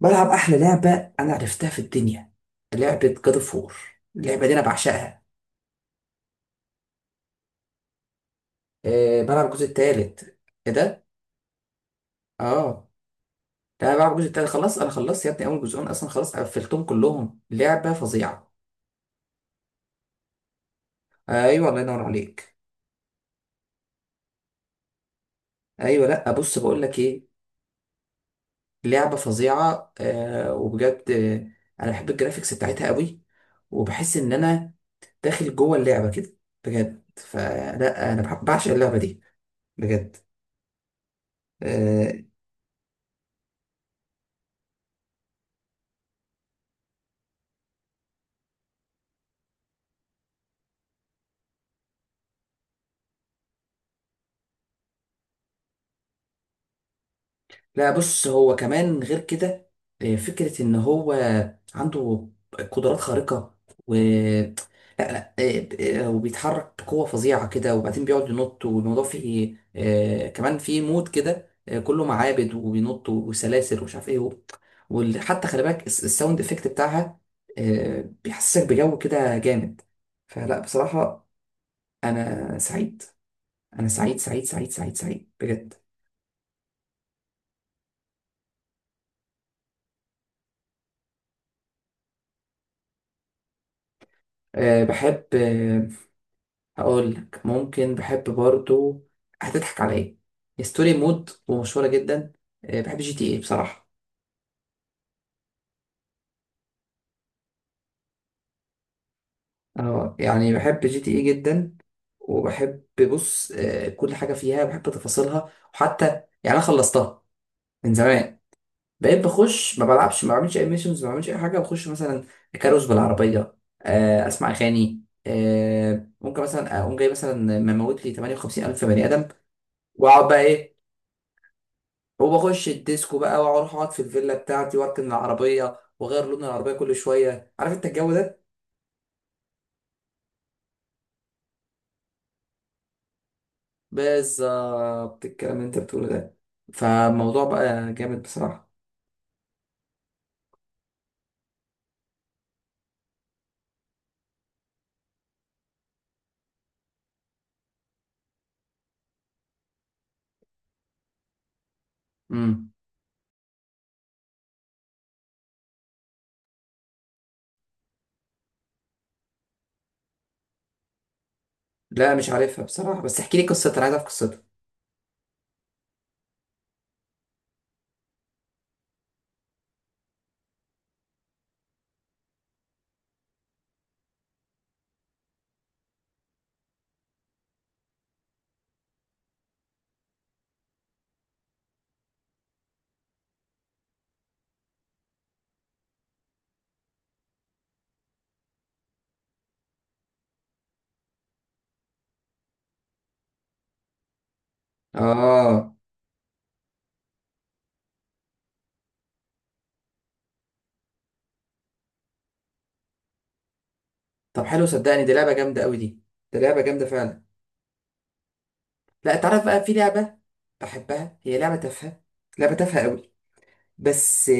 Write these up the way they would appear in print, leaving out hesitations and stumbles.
بلعب احلى لعبه انا عرفتها في الدنيا. لعبه جاد اوف وور. اللعبه دي انا بعشقها. أه، بلعب الجزء التالت. ايه ده؟ اه، لا انا بلعب الجزء التالت خلاص، انا خلصت يا ابني اول جزئين اصلا، خلاص قفلتهم كلهم. لعبه فظيعه. ايوه الله ينور عليك. ايوه، لا بص بقول لك ايه. لعبه فظيعه أه وبجد. انا بحب الجرافيكس بتاعتها قوي، وبحس ان انا داخل جوه اللعبه كده بجد. فلا انا بعشق اللعبه دي بجد. آه، لا بص، هو كمان غير كده. فكرة ان هو عنده قدرات خارقة. و لا، لا، وبيتحرك بقوة فظيعة كده، وبعدين بيقعد ينط، والموضوع فيه كمان فيه مود كده، كله معابد وبينط وسلاسل ومش عارف ايه. وحتى خلي بالك الساوند افكت بتاعها بيحسسك بجو كده جامد. فلا بصراحة انا سعيد، انا سعيد سعيد سعيد سعيد سعيد بجد. بحب. هقول لك ممكن بحب برضو، هتضحك عليا، ستوري مود ومشهورة جدا. بحب جي تي اي بصراحة. اه يعني بحب جي تي اي جدا، وبحب. بص كل حاجة فيها بحب تفاصيلها، وحتى يعني انا خلصتها من زمان. بقيت بخش، ما بلعبش، ما بعملش اي ميشنز، ما بعملش اي حاجة. بخش مثلا كاروس بالعربية، اسمع اغاني، ممكن مثلا اقوم جاي مثلا مموت لي 58 الف بني ادم، واقعد بقى ايه، وبخش الديسكو بقى، واروح اقعد في الفيلا بتاعتي، واركن العربيه، واغير لون العربيه كل شويه، عارف انت الجو ده. بالظبط الكلام اللي انت بتقوله ده، فالموضوع بقى جامد بصراحه. امم. لا مش عارفها بصراحه، بس احكي لي قصتها، انا عايز اعرف قصتها. اه. طب حلو، صدقني دي لعبه جامده قوي دي، دي لعبه جامده فعلا. لا تعرف بقى في لعبه بحبها، هي لعبه تافهه، لعبه تافهه قوي. بس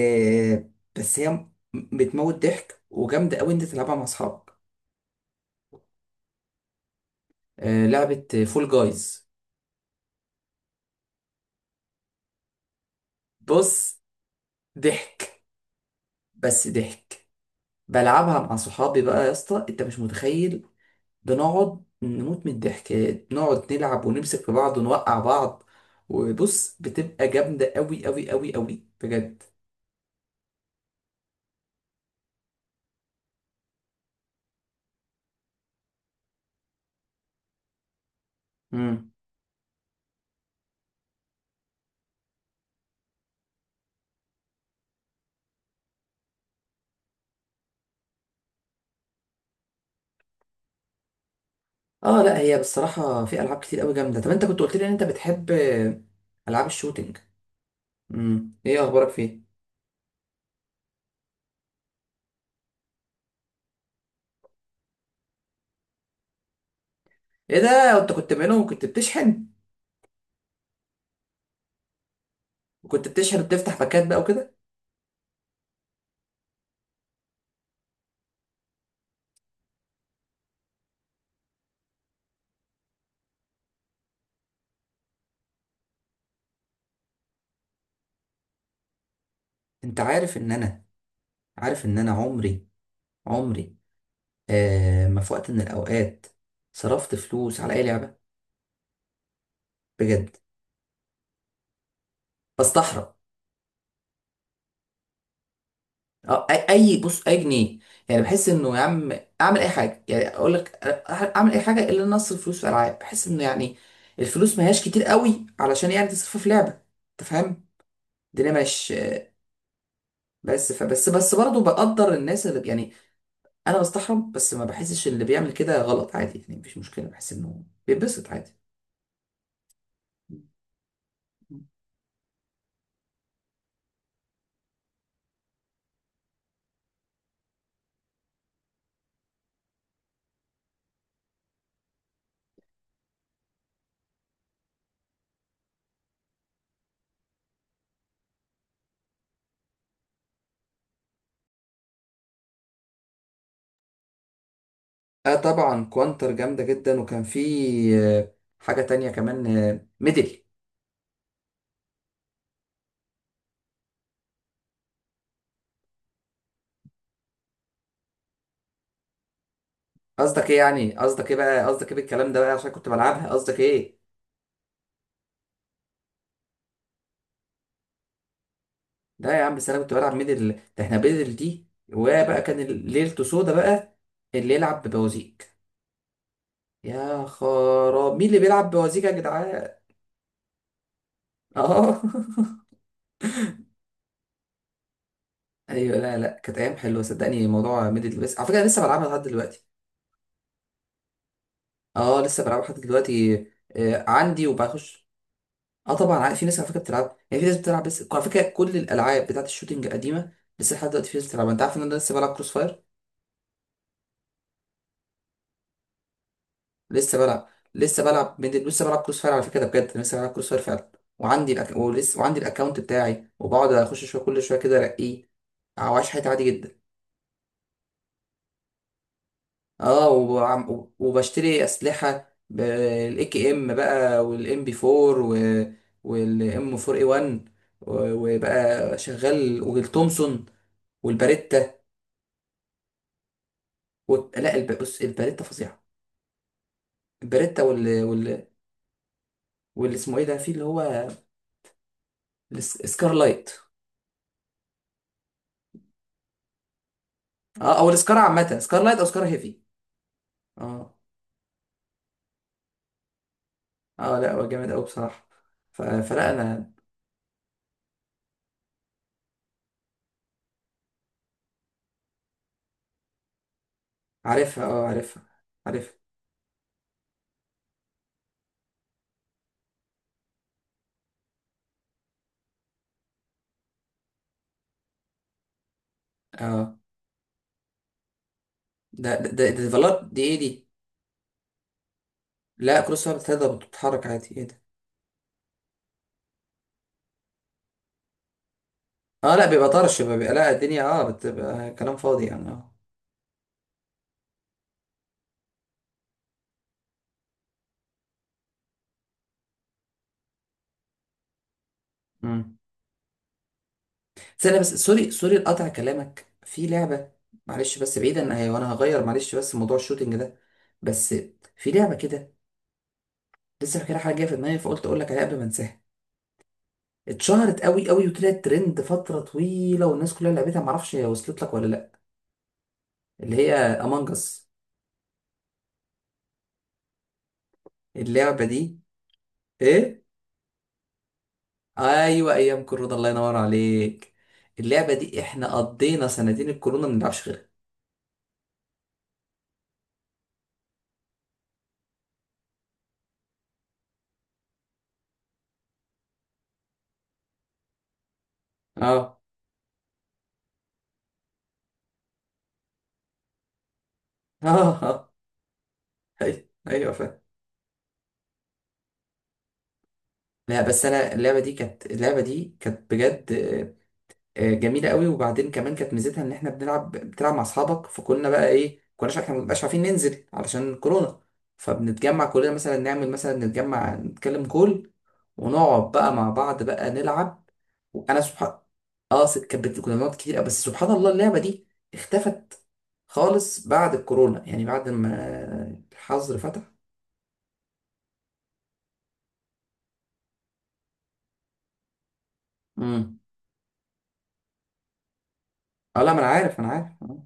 بس هي بتموت ضحك وجامده قوي، انت تلعبها مع اصحابك. لعبة فول جايز. بص ضحك. بس ضحك. بلعبها مع صحابي بقى يا اسطى، انت مش متخيل، بنقعد نموت من الضحك، نقعد نلعب ونمسك في بعض ونوقع بعض، وبص بتبقى جامدة قوي قوي قوي قوي بجد. مم. اه لا هي بصراحة في ألعاب كتير قوي جامدة. طب انت كنت قلت لي ان انت بتحب ألعاب الشوتينج. مم. ايه اخبارك فيه. ايه ده؟ انت كنت منهم؟ كنت بتشحن؟ وكنت بتشحن وبتفتح باكات بقى وكده؟ انت عارف ان انا عمري ما في وقت من الاوقات صرفت فلوس على اي لعبه، بجد بستحرم. اه، اي بص اي جنيه يعني، بحس انه يا عم اعمل اي حاجه، يعني اقول لك اعمل اي حاجه الا إن اصرف فلوس في العاب. بحس انه يعني الفلوس ما هياش كتير قوي علشان يعني تصرفها في لعبه، انت فاهم، الدنيا مش. بس فبس بس بس برضه بقدر الناس اللي يعني، انا بستحرم، بس ما بحسش إن اللي بيعمل كده غلط، عادي يعني، مفيش مشكله، بحس انه بيتبسط عادي. اه طبعا كوانتر جامده جدا، وكان في حاجه تانية كمان، ميدل. قصدك ايه يعني؟ قصدك ايه بقى؟ قصدك ايه بالكلام ده بقى عشان كنت بلعبها؟ قصدك ايه؟ لا يا عم، بس انا كنت بلعب ميدل، ده احنا ميدل دي. وبقى كان ليلته سودا بقى اللي يلعب ببوازيك. يا خراب مين اللي بيلعب بوازيك يا جدعان! اه ايوه، لا لا كانت ايام حلوه صدقني، موضوع ميدل البيس على فكره، أنا لسه بلعبها لحد دلوقتي. اه لسه بلعبها لحد دلوقتي. آه عندي وبخش. اه طبعا عارف في ناس على فكره بتلعب. يعني في ناس بتلعب بس على فكره كل الالعاب بتاعت الشوتينج القديمه لسه لحد دلوقتي في ناس بتلعبها. انت عارف ان انا لسه بلعب كروس فاير. لسه بلعب لسه بلعب ميدل، لسه بلعب كروس فاير على فكره، ده بجد أنا لسه بلعب كروس فاير فعلا. ولسه وعندي الاكونت بتاعي، وبقعد اخش شويه كل شويه كده ارقيه، او عايش حياتي عادي جدا. اه وبشتري اسلحه بالاي كي ام بقى، والام بي 4، والام 4 اي 1، وبقى شغال والتومسون والباريتا. لا بص الباريتا فظيعه. الباريتا واللي اسمه ايه ده، في اللي هو السكارلايت. اه او السكار عامه، سكارلايت او سكار هيفي. اه. اه لا هو جامد قوي بصراحه. فلا انا. عارفها، اه عارفها، عارفها. اه ده ديفلوب دي، ايه دي؟ لا كروس وهي بتتهدى بتتحرك عادي، ايه ده؟ اه لا بيبقى طرش، لا الدنيا اه بتبقى كلام فاضي يعني. اه. امم. استنى بس، سوري سوري لقطع كلامك. في لعبة، معلش بس بعيدا وانا هغير، معلش بس موضوع الشوتينج ده بس. في لعبة كده لسه فاكرها، حاجة جاية في دماغي فقلت اقول لك عليها قبل ما انساها. اتشهرت قوي قوي وطلعت ترند فترة طويلة والناس كلها لعبتها، معرفش هي وصلت لك ولا لا. اللي هي امانج اس. اللعبة دي. ايه. ايوه ايام كورونا الله ينور عليك. اللعبه دي احنا قضينا سنتين الكورونا ما بنلعبش غيرها. اه اه اه. ايوه ايوه فاهم. لا بس انا اللعبه دي كانت بجد جميله قوي. وبعدين كمان كانت ميزتها ان احنا بتلعب مع اصحابك، فكنا بقى ايه كناش احنا مبقاش عارفين ننزل علشان كورونا، فبنتجمع كلنا مثلا، نعمل مثلا، نتجمع نتكلم كل، ونقعد بقى مع بعض بقى نلعب. انا اه كنا بنقعد كتير أوي. بس سبحان الله اللعبه دي اختفت خالص بعد الكورونا، يعني بعد ما الحظر فتح. امم. اه لا ما انا عارف، انا عارف اه.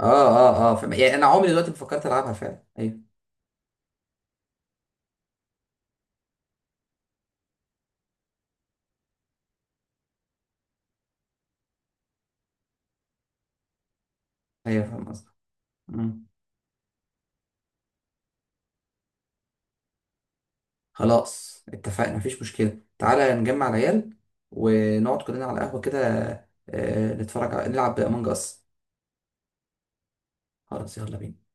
اه اه، آه. يعني انا عمري دلوقتي ما فكرت العبها فعلا. ايوه ايوه فاهم قصدك. مم. خلاص اتفقنا، مفيش مشكله، تعالى نجمع العيال ونقعد كلنا على قهوه كده، آه نتفرج على نلعب امونج اس. خلاص يلا بينا.